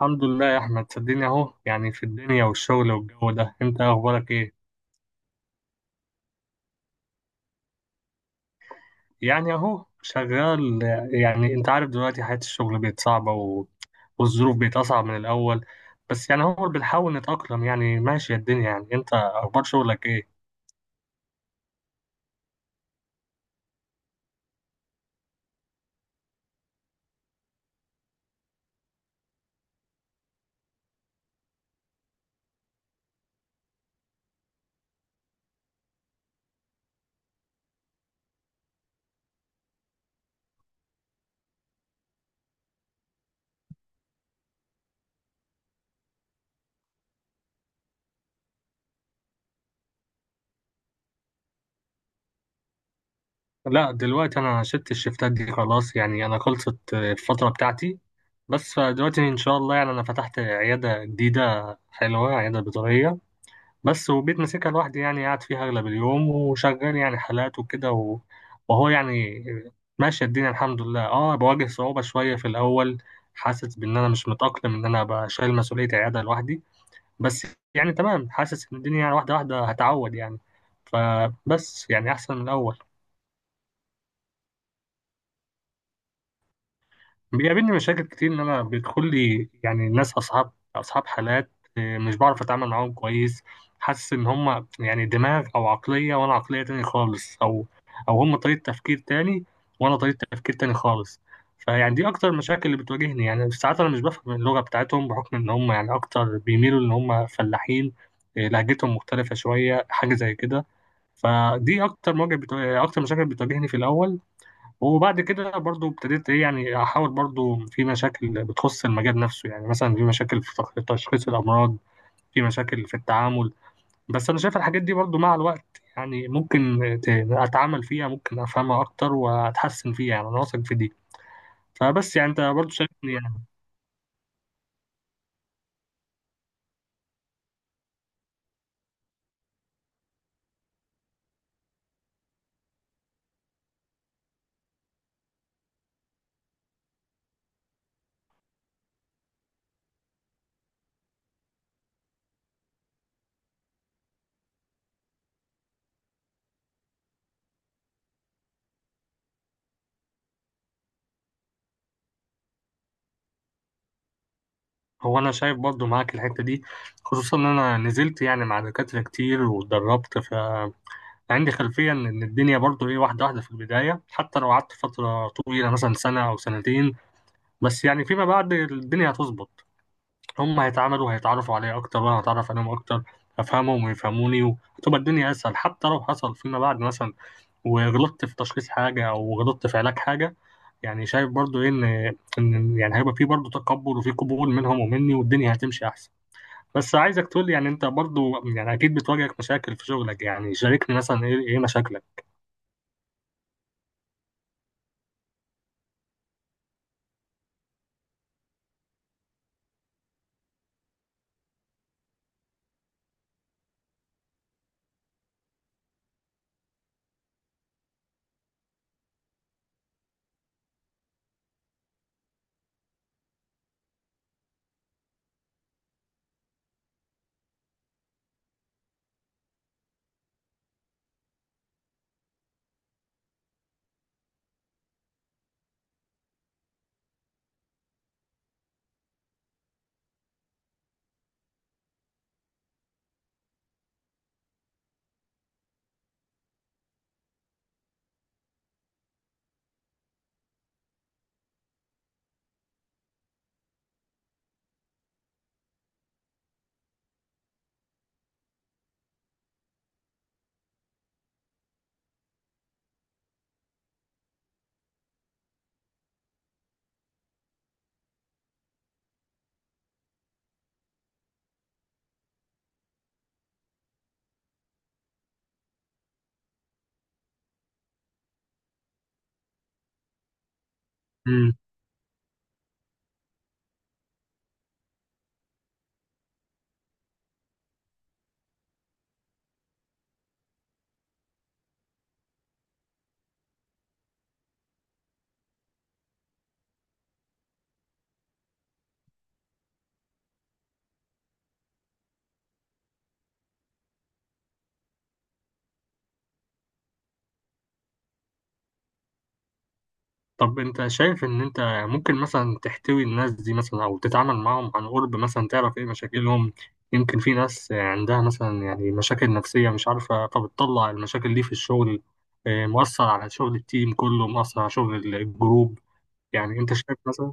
الحمد لله يا احمد، صدقني اهو، يعني في الدنيا والشغل والجو ده. انت اخبارك ايه؟ يعني اهو شغال. يعني انت عارف دلوقتي حياة الشغل بقت صعبة والظروف بقت اصعب من الاول. بس يعني هو بنحاول نتأقلم، يعني ماشية الدنيا. يعني انت اخبار شغلك ايه؟ لا، دلوقتي انا شلت الشفتات دي خلاص، يعني انا خلصت الفترة بتاعتي. بس دلوقتي ان شاء الله، يعني انا فتحت عيادة جديدة حلوة، عيادة بيطرية. بس وبيت ماسكها لوحدي، يعني قاعد فيها أغلب اليوم وشغال يعني حالات وكده وهو يعني. ماشية الدنيا الحمد لله. اه بواجه صعوبة شوية في الأول، حاسس بإن أنا مش متأقلم إن أنا أبقى شايل مسؤولية عيادة لوحدي. بس يعني تمام، حاسس إن الدنيا يعني واحدة واحدة هتعود يعني. فبس يعني أحسن من الأول. بيقابلني مشاكل كتير ان انا بيدخل لي يعني ناس اصحاب حالات. مش بعرف اتعامل معاهم كويس. حاسس ان هم يعني دماغ او عقلية، وانا عقلية تاني خالص، او هم طريقة تفكير تاني، وانا طريقة تفكير تاني خالص. فيعني دي اكتر المشاكل اللي بتواجهني، يعني ساعات انا مش بفهم اللغة بتاعتهم بحكم ان هم يعني اكتر بيميلوا ان هم فلاحين. لهجتهم مختلفة شوية، حاجة زي كده. فدي اكتر مشاكل بتواجهني في الاول. وبعد كده برضو ابتديت ايه، يعني احاول، برضو في مشاكل بتخص المجال نفسه، يعني مثلا في مشاكل في تشخيص الامراض، في مشاكل في التعامل. بس انا شايف الحاجات دي برضو مع الوقت، يعني ممكن اتعامل فيها، ممكن افهمها اكتر واتحسن فيها، يعني انا واثق في دي. فبس يعني انت برضو شايفني يعني. هو انا شايف برضو معاك الحتة دي، خصوصا ان انا نزلت يعني مع دكاترة كتير واتدربت، ف عندي خلفية إن الدنيا برضو إيه واحدة واحدة في البداية، حتى لو قعدت فترة طويلة مثلا سنة أو سنتين. بس يعني فيما بعد الدنيا هتظبط. هم هيتعاملوا هيتعرفوا عليا اكتر، وانا هتعرف عليهم اكتر، افهمهم ويفهموني، وهتبقى الدنيا اسهل. حتى لو حصل فيما بعد مثلا وغلطت في تشخيص حاجه او غلطت في علاج حاجه، يعني شايف برضو ايه ان يعني هيبقى في برضو تقبل وفي قبول منهم ومني، والدنيا هتمشي احسن. بس عايزك تقول لي يعني، انت برضو يعني اكيد بتواجهك مشاكل في شغلك، يعني شاركني مثلا ايه ايه مشاكلك. طب انت شايف ان انت ممكن مثلا تحتوي الناس دي مثلا، او تتعامل معاهم عن قرب مثلا، تعرف ايه مشاكلهم؟ يمكن في ناس عندها مثلا يعني مشاكل نفسية مش عارفة، فبتطلع المشاكل دي في الشغل. اه، مؤثر على شغل التيم كله، مؤثر على شغل الجروب. يعني انت شايف مثلا.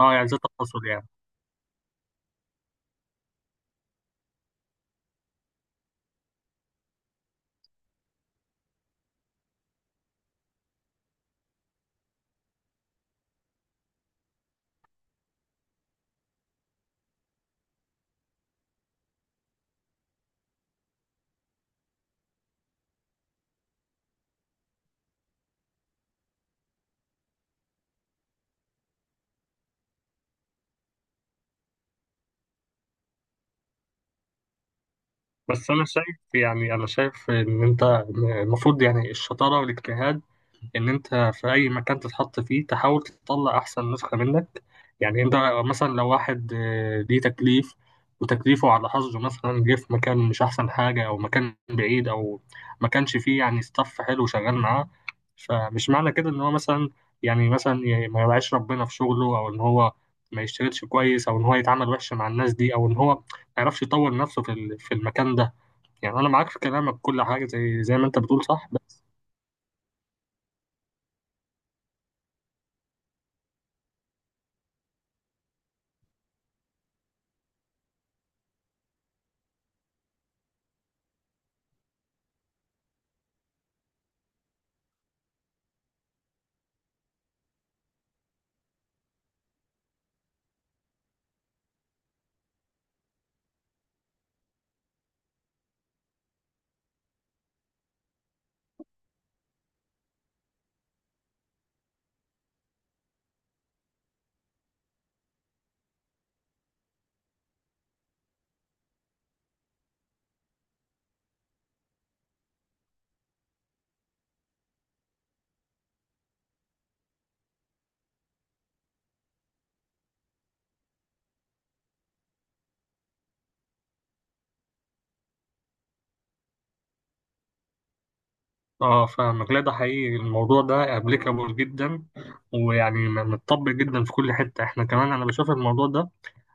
اه، يعني زي التواصل يعني. بس انا شايف ان انت المفروض يعني الشطارة والاجتهاد، ان انت في اي مكان تتحط فيه تحاول تطلع احسن نسخة منك. يعني انت مثلا لو واحد ليه تكليف، وتكليفه على حظه مثلا جه في مكان مش احسن حاجة او مكان بعيد، او ما كانش فيه يعني ستاف حلو شغال معاه. فمش معنى كده ان هو مثلا، يعني مثلا ما يوعيش ربنا في شغله، او ان هو ما يشتغلش كويس، او ان هو يتعامل وحش مع الناس دي، او ان هو ما يعرفش يطور نفسه في المكان ده. يعني انا معاك في كلامك كل حاجة، زي ما انت بتقول، صح. اه، فاهمك. لا، ده حقيقي، الموضوع ده ابليكابل جدا، ويعني متطبق جدا في كل حته، احنا كمان انا بشوف الموضوع ده.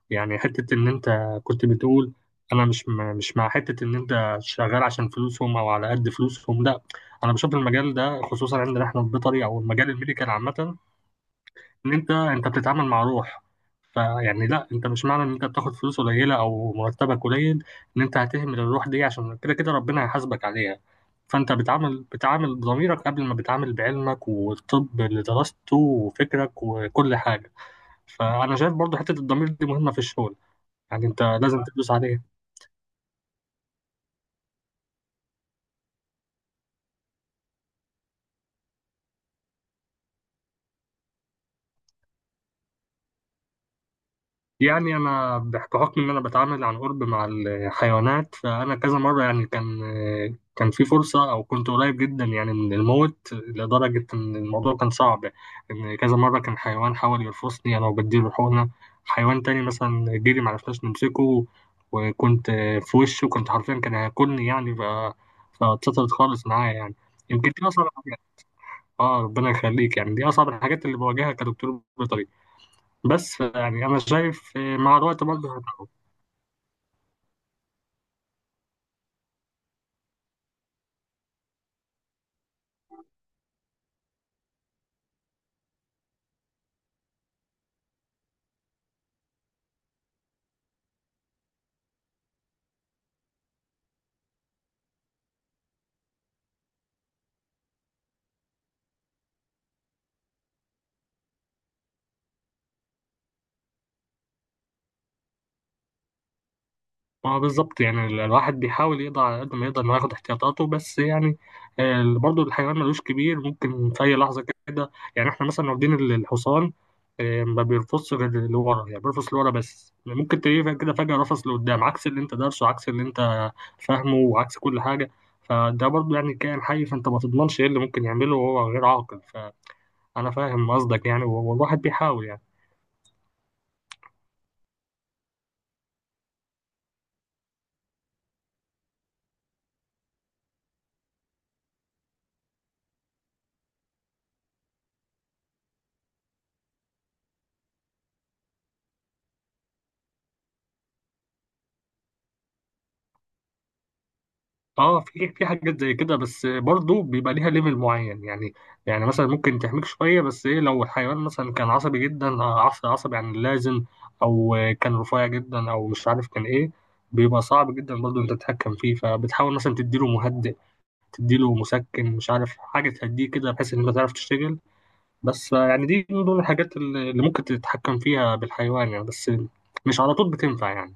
يعني حته ان انت كنت بتقول، انا مش مش مع حته ان انت شغال عشان فلوسهم او على قد فلوسهم. لا، انا بشوف المجال ده خصوصا عندنا احنا في بيطري، او المجال الميديكال عامه، ان انت بتتعامل مع روح. فيعني لا، انت مش معنى ان انت بتاخد فلوس قليله او مرتبك قليل ان انت هتهمل الروح دي. عشان كده كده ربنا هيحاسبك عليها. فانت بتعامل بضميرك قبل ما بتعامل بعلمك والطب اللي درسته وفكرك وكل حاجه. فانا شايف برضو حته الضمير دي مهمه في الشغل، يعني انت لازم تدوس عليها. يعني أنا بحكم إن أنا بتعامل عن قرب مع الحيوانات، فأنا كذا مرة يعني كان في فرصة أو كنت قريب جدا يعني من الموت لدرجة إن الموضوع كان صعب. إن كذا مرة كان حيوان حاول يرفسني أنا وبديله حقنة. حيوان تاني مثلا جري معرفناش نمسكه، وكنت في وشه، وكنت حرفيا كان هياكلني، يعني فاتسطرت خالص معايا يعني. يمكن دي أصعب حاجة. آه، ربنا يخليك. يعني دي أصعب الحاجات اللي بواجهها كدكتور بيطري. بس يعني أنا شايف مع الوقت برضه هتقوى. ما هو بالظبط، يعني الواحد بيحاول يقضي على قد ما يقدر إنه ياخد احتياطاته، بس يعني برضه الحيوان ملوش كبير، ممكن في أي لحظة كده، يعني إحنا مثلا واخدين الحصان. ما بيرفصش غير لورا، يعني بيرفص لورا، بس ممكن تلاقيه كده فجأة رفص لقدام، عكس اللي أنت دارسه، عكس اللي أنت فاهمه، وعكس كل حاجة. فده برضه يعني كائن حي، فأنت ما تضمنش إيه اللي ممكن يعمله وهو غير عاقل. فأنا فاهم قصدك يعني، والواحد بيحاول يعني. اه، في حاجات زي كده، بس برضو بيبقى ليها ليفل معين يعني. يعني مثلا ممكن تحميك شويه، بس ايه، لو الحيوان مثلا كان عصبي جدا، عصبي عصبي عن اللازم، او كان رفيع جدا، او مش عارف كان ايه، بيبقى صعب جدا برضو انت تتحكم فيه. فبتحاول مثلا تديله مهدئ، تديله مسكن، مش عارف حاجه تهديه كده بحيث ان انت تعرف تشتغل. بس يعني دي من ضمن الحاجات اللي ممكن تتحكم فيها بالحيوان يعني. بس مش على طول بتنفع يعني.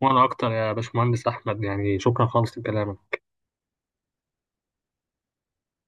وانا اكتر يا باشمهندس احمد، يعني شكرا خالص لكلامك.